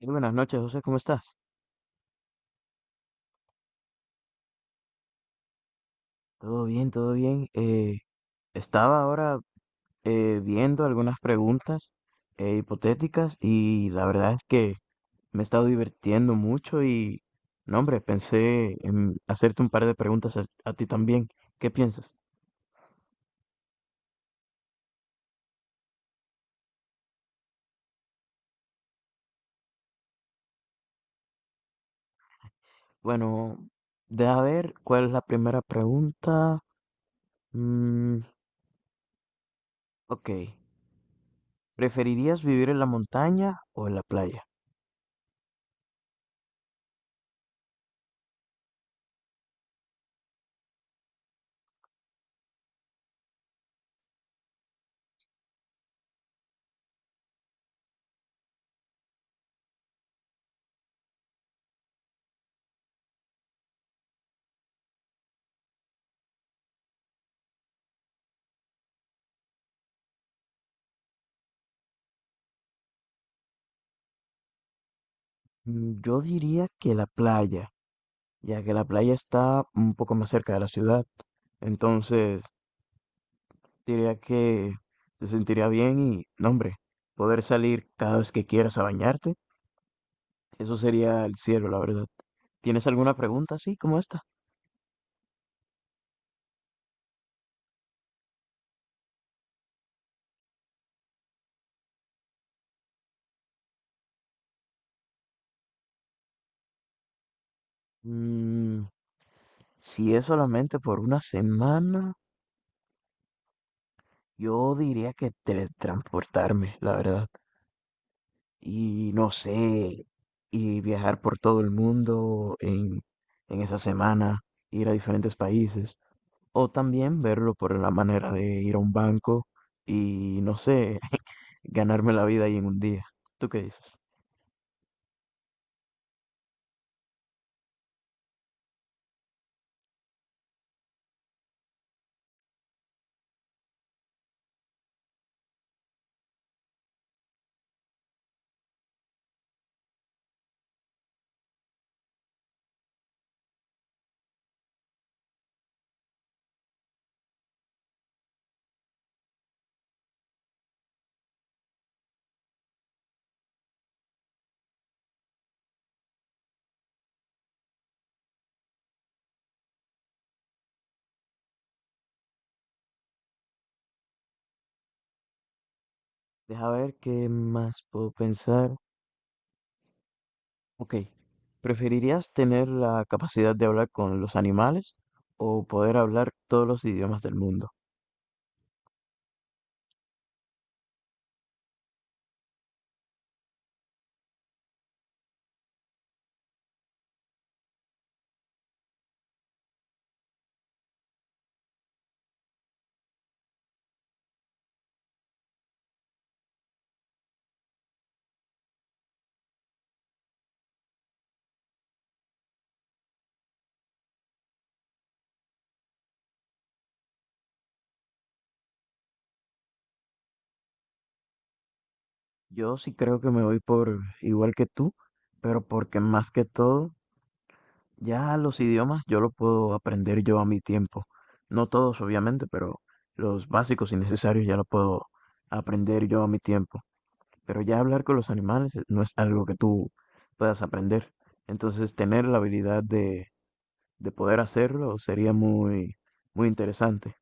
Muy buenas noches, José, ¿cómo estás? Todo bien, todo bien. Estaba ahora viendo algunas preguntas hipotéticas y la verdad es que me he estado divirtiendo mucho y, no, hombre, pensé en hacerte un par de preguntas a ti también. ¿Qué piensas? Bueno, de a ver, ¿cuál es la primera pregunta? Mm, ok, ¿preferirías vivir en la montaña o en la playa? Yo diría que la playa, ya que la playa está un poco más cerca de la ciudad. Entonces, diría que se sentiría bien y, no, hombre, poder salir cada vez que quieras a bañarte, eso sería el cielo, la verdad. ¿Tienes alguna pregunta así como esta? Mm, si es solamente por una semana, yo diría que teletransportarme, la verdad. Y no sé, y viajar por todo el mundo en esa semana, ir a diferentes países. O también verlo por la manera de ir a un banco y, no sé, ganarme la vida ahí en un día. ¿Tú qué dices? Deja ver qué más puedo pensar. Ok, ¿preferirías tener la capacidad de hablar con los animales o poder hablar todos los idiomas del mundo? Yo sí creo que me voy por igual que tú, pero porque más que todo ya los idiomas yo los puedo aprender yo a mi tiempo. No todos, obviamente, pero los básicos y necesarios ya los puedo aprender yo a mi tiempo. Pero ya hablar con los animales no es algo que tú puedas aprender. Entonces, tener la habilidad de poder hacerlo sería muy, muy interesante.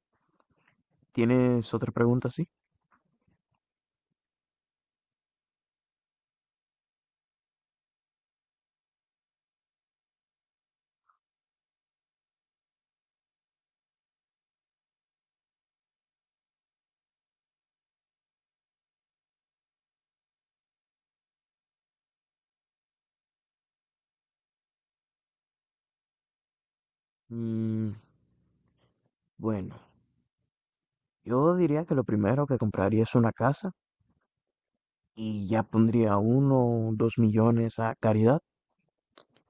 ¿Tienes otra pregunta así? Mm, bueno, yo diría que lo primero que compraría es una casa y ya pondría uno o dos millones a caridad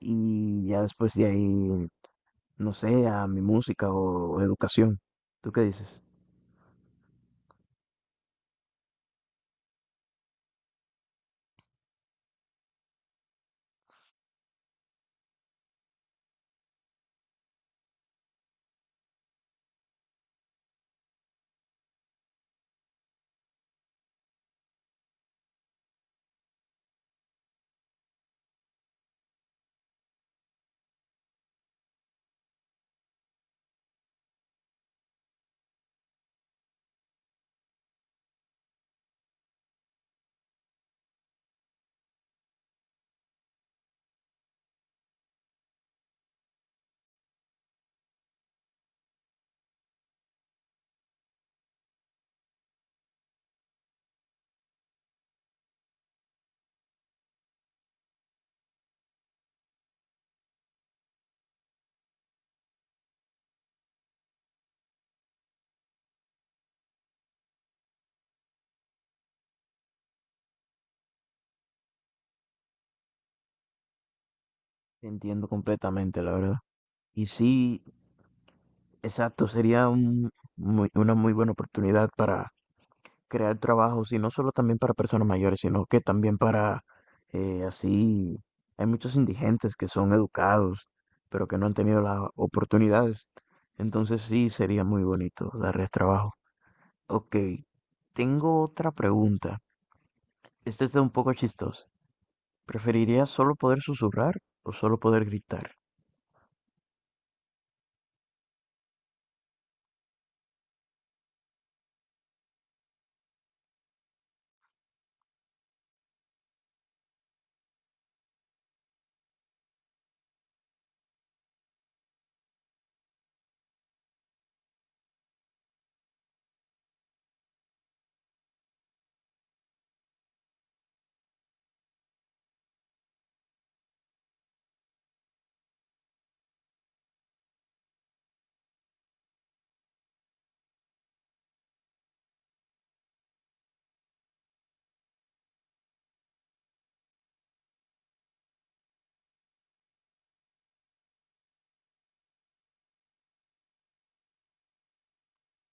y ya después de ahí, no sé, a mi música o educación. ¿Tú qué dices? Entiendo completamente, la verdad. Y sí, exacto, sería un, una muy buena oportunidad para crear trabajos y no solo también para personas mayores, sino que también para así, hay muchos indigentes que son educados, pero que no han tenido las oportunidades. Entonces sí, sería muy bonito darles trabajo. Ok, tengo otra pregunta. Esta está un poco chistosa. ¿Preferirías solo poder susurrar o solo poder gritar?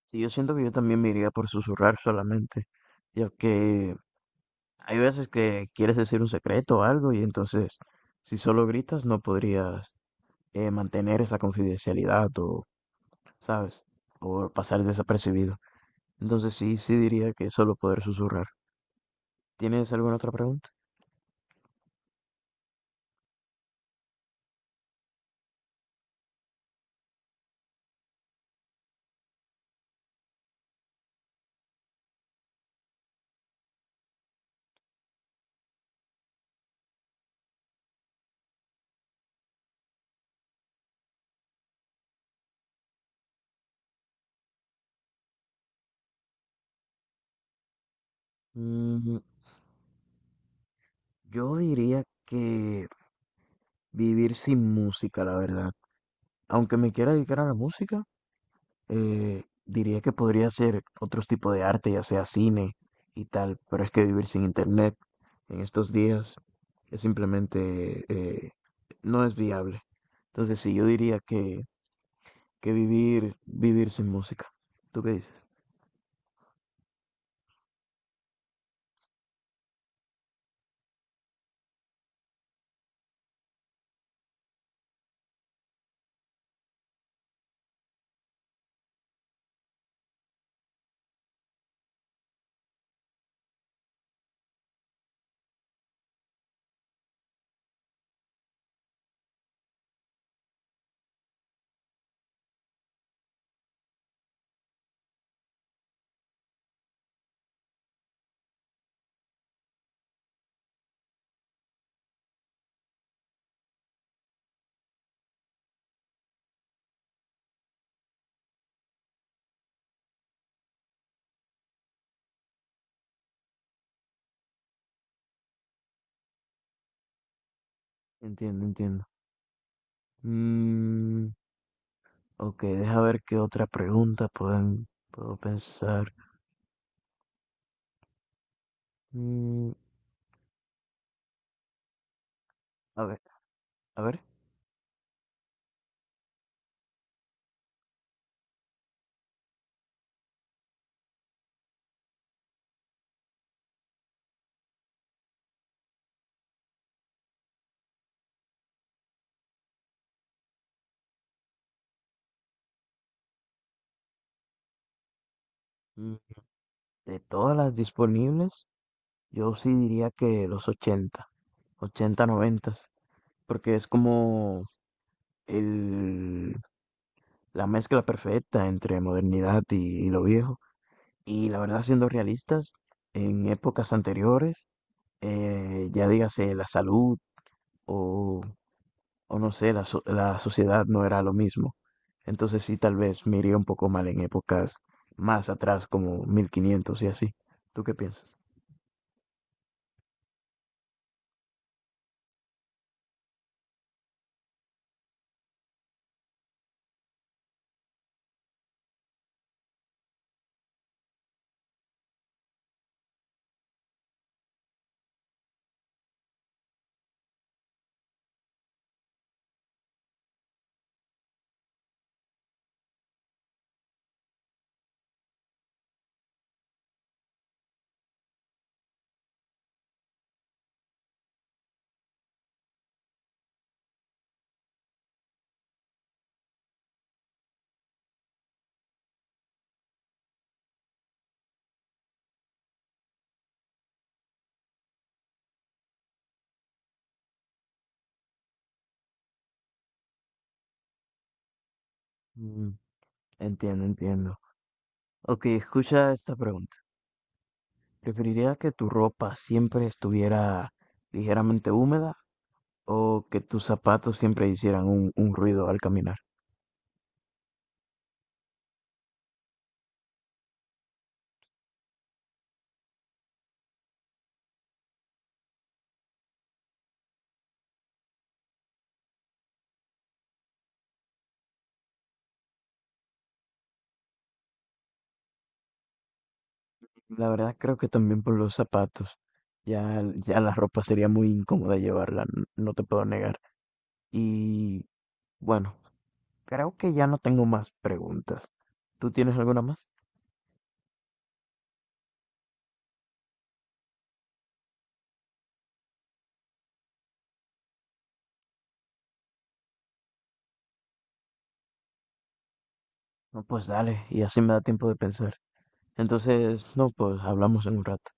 Sí, yo siento que yo también me iría por susurrar solamente, ya que hay veces que quieres decir un secreto o algo y entonces si solo gritas no podrías mantener esa confidencialidad o, ¿sabes? O pasar desapercibido. Entonces sí, sí diría que solo poder susurrar. ¿Tienes alguna otra pregunta? Mm, yo diría que vivir sin música, la verdad. Aunque me quiera dedicar a la música. Diría que podría hacer otros tipos de arte, ya sea cine y tal, pero es que vivir sin internet en estos días es simplemente no es viable. Entonces, sí, yo diría que vivir, vivir sin música. ¿Tú qué dices? Entiendo, entiendo. Mm, ok, deja ver qué otra pregunta puedo pensar. Mm, a ver, a ver. Mm, De todas las disponibles. Yo sí diría que los 80 80 90, porque es como el, la mezcla perfecta entre modernidad y lo viejo. Y la verdad, siendo realistas, en épocas anteriores, ya dígase la salud o, o no sé, la, la sociedad no era lo mismo. Entonces sí, tal vez me iría un poco mal en épocas más atrás, como 1500 y así. ¿Tú qué piensas? Mm, Entiendo, entiendo. Ok, escucha esta pregunta. ¿Preferirías que tu ropa siempre estuviera ligeramente húmeda o que tus zapatos siempre hicieran un ruido al caminar? La verdad creo que también por los zapatos. Ya, ya la ropa sería muy incómoda llevarla, no te puedo negar. Y bueno, creo que ya no tengo más preguntas. ¿Tú tienes alguna más? No, pues dale, y así me da tiempo de pensar. Entonces, no, pues hablamos en un rato.